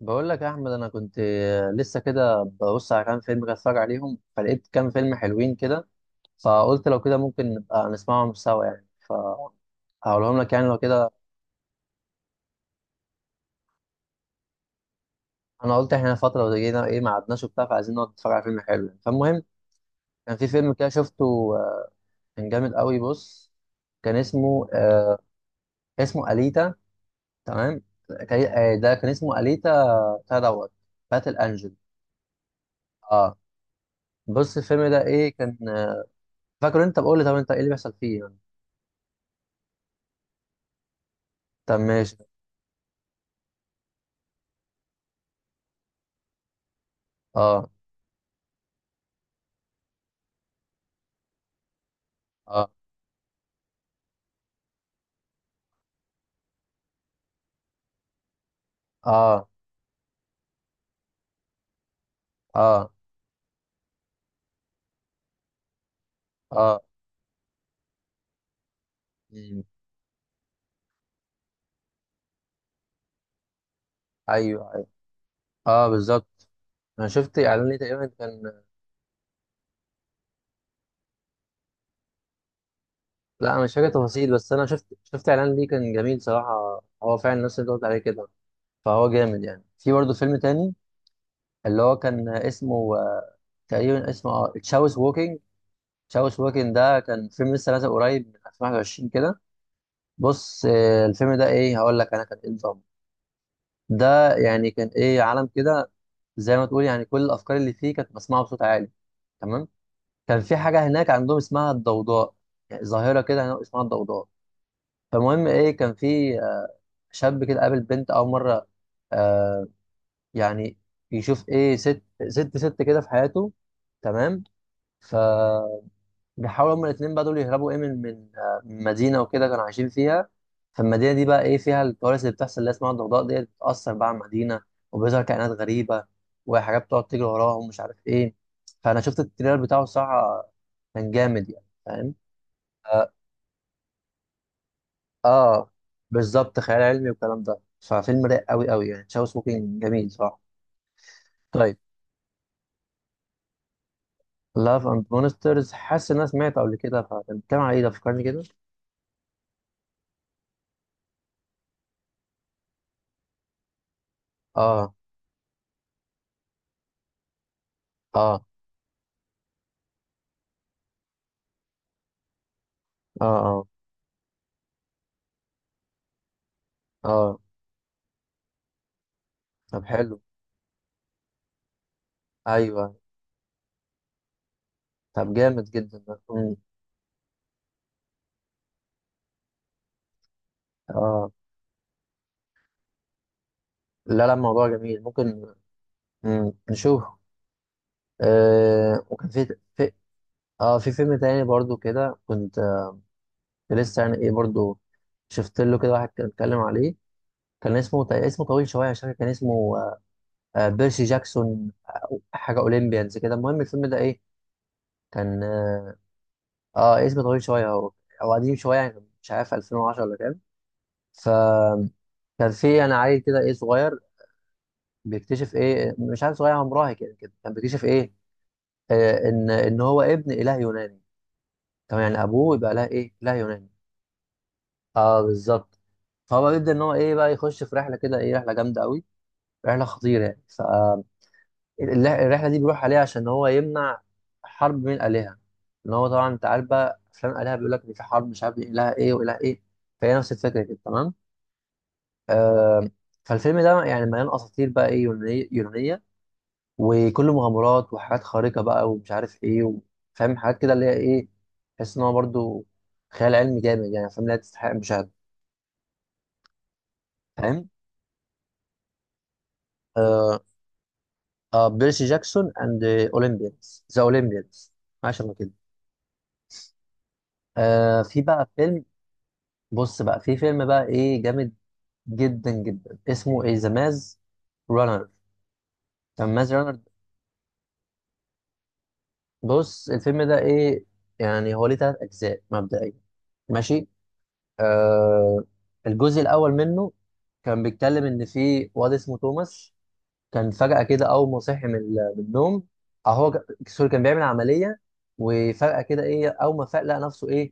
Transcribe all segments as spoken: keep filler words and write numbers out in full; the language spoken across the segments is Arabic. بقول لك يا احمد انا كنت لسه كده ببص على كام فيلم كده اتفرج عليهم فلقيت كام فيلم حلوين كده. فقلت لو كده ممكن نبقى نسمعهم سوا يعني. فهقولهم لك يعني لو كده. انا قلت احنا فتره جينا ايه ما قعدناش وبتاع فعايزين نقعد نتفرج على فيلم حلو يعني. فالمهم كان في فيلم كده شفته آه، كان جامد قوي. بص كان اسمه آه اسمه اليتا. تمام. كان- آه، ده كان اسمه اليتا بتاع دوت باتل انجل. اه، بص الفيلم ده ايه كان آه، فاكر انت بقول لي طب انت ايه اللي بيحصل فيه يعني. طب ماشي. اه، اه، اه، اه، اه. مم. ايوه ايوه، اه بالظبط. انا شفت اعلان ليه تقريبا كان. لا انا مش فاكر تفاصيل، بس انا شفت شفت اعلان ليه كان جميل صراحه. هو فعلا الناس اللي أنت قلت عليه كده فهو جامد يعني. في برضه فيلم تاني اللي هو كان اسمه آه، تقريبا اسمه اه تشاوس ووكينج. تشاوس ووكينج ده كان فيلم لسه نازل قريب من ألفين وواحد وعشرين كده. بص آه، الفيلم ده ايه هقول لك انا كان ايه نظامه. ده يعني كان ايه عالم كده. زي ما تقول يعني كل الافكار اللي فيه كانت بسمعها بصوت عالي. تمام. كان في حاجه هناك عندهم اسمها الضوضاء. يعني ظاهره كده هناك اسمها الضوضاء. فالمهم ايه كان في آه، شاب كده قابل بنت اول مره. آه يعني يشوف ايه ست ست ست كده في حياته. تمام. ف بيحاولوا هما الاتنين بقى دول يهربوا ايه من من آه، من مدينة وكده كانوا عايشين فيها. فالمدينة دي بقى ايه فيها الكوارث اللي بتحصل اللي هي اسمها الضوضاء ديت بتأثر بقى على المدينة. وبيظهر كائنات غريبة وحاجات بتقعد تجري وراهم مش عارف ايه. فأنا شفت التريلر بتاعه الصراحة كان جامد يعني فاهم. اه، آه بالظبط خيال علمي والكلام ده. ففيلم رايق قوي قوي يعني تشاو سموكينج جميل صح. طيب، لاف اند مونسترز حاسس ان انا سمعته قبل كده، فكان بيتكلم على ايه، ده فكرني كده. اه، اه، اه، اه، اه. طب حلو. ايوه. طب جامد جدا ده. مم. اه لا لا، الموضوع جميل ممكن. مم. نشوفه. آه وكان في في اه في فيلم تاني برضو كده كنت آه، لسه يعني ايه برضو شفت له كده واحد كان اتكلم عليه. كان اسمه تق- اسمه طويل شويه مش فاكر كان اسمه آه آه، بيرسي جاكسون حاجه اولمبيانز كده. المهم الفيلم ده ايه كان اه، آه اسمه طويل شويه هو. او قديم شويه يعني مش عارف ألفين وعشرة ولا كام. فكان في يعني عيل كده ايه صغير بيكتشف ايه مش عارف. صغير هو مراهق يعني كده كان بيكتشف ايه آه ان ان هو ابن اله يوناني. تمام يعني ابوه يبقى اله ايه اله يوناني. اه بالظبط. فهو بيبدا ان هو ايه بقى يخش في رحله كده ايه رحله جامده قوي، رحله خطيره يعني. فالرحله دي بيروح عليها عشان هو يمنع حرب بين الالهه. ان هو طبعا انت عارف بقى افلام الالهه بيقول لك ان في حرب مش عارف بين اله ايه واله ايه. فهي نفس الفكره كده تمام. آه فالفيلم ده يعني مليان اساطير بقى ايه يونانيه يونانيه. وكله مغامرات وحاجات خارقة بقى ومش عارف ايه و- فاهم حاجات كده اللي هي ايه. تحس ان هو برضه خيال علمي جامد يعني فاهم. لا تستحق المشاهدة فاهم. آه. آه بيرسي جاكسون اند اولمبيانز ذا اولمبيانز حاجة شبه كده. آه في بقى فيلم. بص بقى في فيلم بقى ايه جامد جدا جدا اسمه ايه ذا ماز رانر. ذا ماز رانر. بص الفيلم ده ايه يعني هو ليه تلات اجزاء مبدئيا. ماشي. آه الجزء الاول منه كان بيتكلم ان في واد اسمه توماس. كان فجأة كده اول ما صحي من ال- من النوم. او هو ك- سوري كان بيعمل عملية. وفجأة كده ايه اول ما فاق لقى نفسه ايه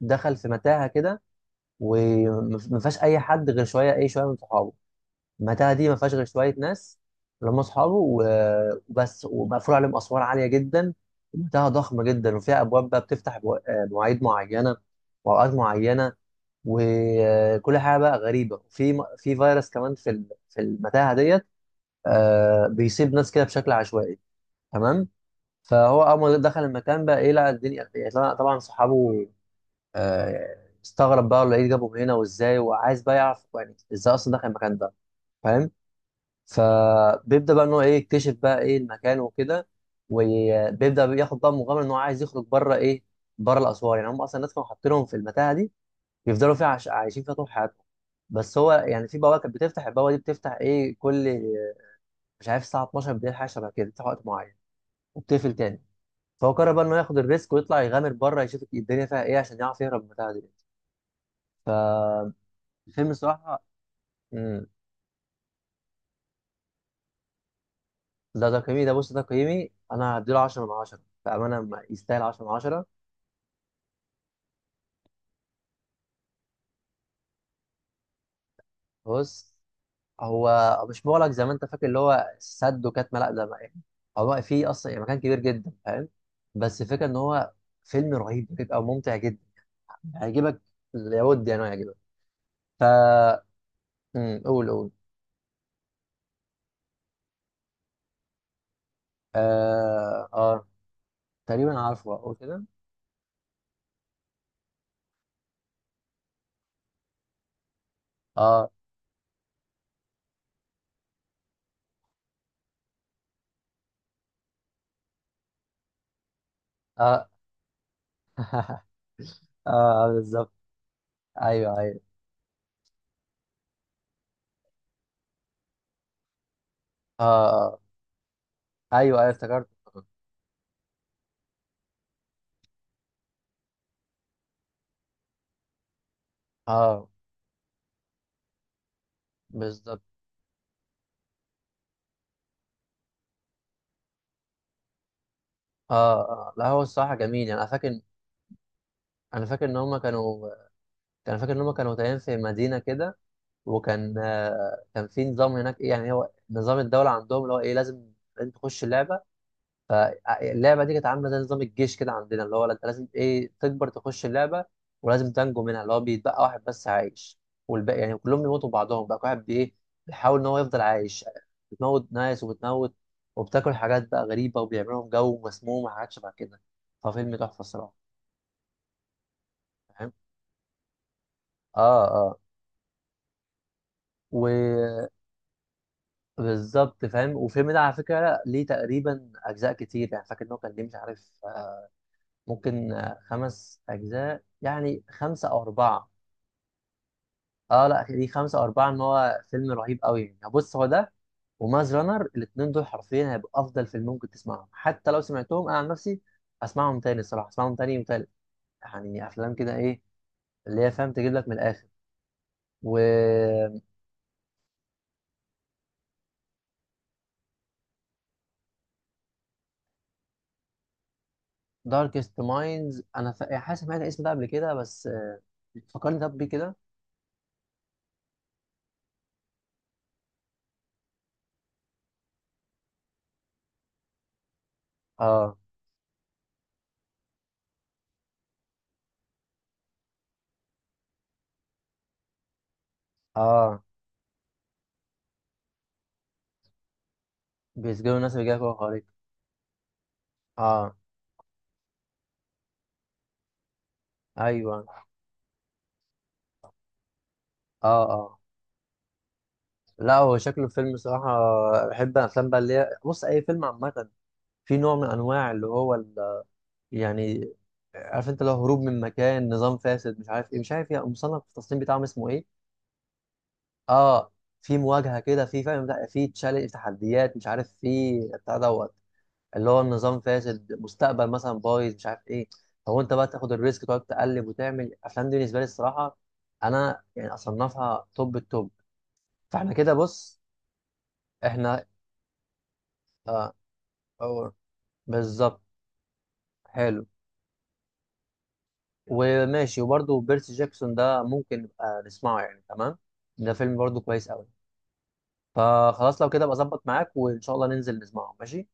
دخل في متاهة كده. وما فيهاش اي حد غير شوية ايه شوية من صحابه. المتاهه دي ما فيهاش غير شويه ناس اللي هم اصحابه و- وبس ومقفول عليهم اسوار عاليه جدا. ومتاهه ضخمه جدا وفيها ابواب بقى بتفتح بو- آه، مواعيد معينه واوقات معينه. وكل حاجه بقى غريبه في م- في فيروس كمان في ال- في المتاهه ديت آه، بيصيب ناس كده بشكل عشوائي. تمام. فهو اول ما دخل المكان بقى ايه لقى الدنيا يعني طبعا طبعاً صحابه. آه، استغرب بقى ولا ايه جابهم هنا وازاي وعايز بقى يعرف يعني ازاي اصلا دخل المكان ده فاهم. فبيبدا بقى ان هو ايه يكتشف بقى ايه المكان وكده. وبيبدا ياخد بقى مغامره ان هو عايز يخرج بره ايه بره الاسوار. يعني هم اصلا الناس كانوا حاطينهم في المتاهه دي بيفضلوا فيها عش... عايشين فيها طول حياتهم. بس هو يعني في بوابه كانت بتفتح، البوابه دي بتفتح ايه كل مش عارف الساعه اتناشر بالليل حاجه شبه كده بتفتح وقت معين وبتقفل تاني. فهو قرر بقى انه ياخد الريسك ويطلع يغامر بره يشوف الدنيا فيها ايه عشان يعرف يهرب من المتاهه دي. فالفيلم الصراحه امم. ده تقييمي، ده بص ده تقييمي انا هديله عشرة من عشرة. بامانه ما- يستاهل عشرة من عشرة. بص هو مش مغلق زي ما انت فاكر اللي هو سد وكاتمه، لا ده يعني. هو في اصلا يعني مكان كبير جدا فاهم. بس الفكره ان هو فيلم رهيب بيبقى ممتع جدا هيعجبك. لابد يعني هو يعجبك. ف امم قول قول. اه اه، تقريبا عارفه، اقول كده. اه اه. اه بالظبط. ايوه ايوه اه اه. ايوه ايوه افتكرت. اه بالظبط. اه اه. لا هو الصراحه جميل يعني انا فاكر. انا فاكر ان هم كانوا انا فاكر ان هم كانوا تقريبا في مدينه كده. وكان آه، كان في نظام هناك ايه يعني هو نظام الدوله عندهم اللي هو ايه لازم انت تخش اللعبه. فاللعبه دي كانت عامله زي نظام الجيش كده عندنا اللي هو انت لازم ايه تكبر تخش اللعبه. ولازم تنجو منها اللي هو بيتبقى واحد بس عايش. والباقي يعني كلهم بيموتوا بعضهم بقى كل واحد بايه بيحاول ان هو يفضل عايش. بتموت ناس وبتموت وبتاكل حاجات بقى غريبه وبيعملوا لهم جو مسموم وحاجات شبه كده. ففيلم تحفه الصراحه فاهم. اه اه بالظبط فاهم. والفيلم ده على فكرة ليه تقريبا أجزاء كتير، يعني فاكر إن هو كان ليه مش عارف آه، ممكن آه، خمس أجزاء يعني خمسة أو أربعة. أه لا ليه خمسة أو أربعة إن هو فيلم رهيب أوي يعني. يعني بص هو ده وماز رانر الاتنين دول حرفيا هيبقوا أفضل فيلم ممكن تسمعهم. حتى لو سمعتهم أنا عن نفسي أسمعهم تاني الصراحة، أسمعهم تاني وتالت. يعني أفلام كده إيه اللي هي فاهم تجيب لك من الآخر. و داركست مايندز أنا فا- حاسس سمعت الاسم ده قبل كده بس آه، فكرني طب بيه كده. اه اه. بيسجنوا الناس اللي جايه جوه الخريطة. اه. ايوه. اه اه. لا هو شكله فيلم صراحة. بحب الافلام بقى اللي هي بص اي فيلم عامة في نوع من انواع اللي هو ال... يعني عارف انت لو هروب من مكان نظام فاسد مش عارف ايه مش عارف ايه، مصنف التصنيف بتاعهم اسمه ايه. اه في مواجهة كده، في فاهم لا في تشالنج تحديات مش عارف، في بتاع دوت اللي هو النظام فاسد مستقبل مثلا بايظ مش عارف ايه. فهو انت بقى تاخد الريسك تقعد تقلب وتعمل افلام دي بالنسبه لي الصراحه انا يعني اصنفها توب التوب. فاحنا كده بص احنا آه أو- بالظبط. حلو وماشي وبرده بيرسي جاكسون ده ممكن نبقى نسمعه يعني تمام. ده فيلم برده كويس قوي. فخلاص لو كده ابقى اظبط معاك وان شاء الله ننزل نسمعه ماشي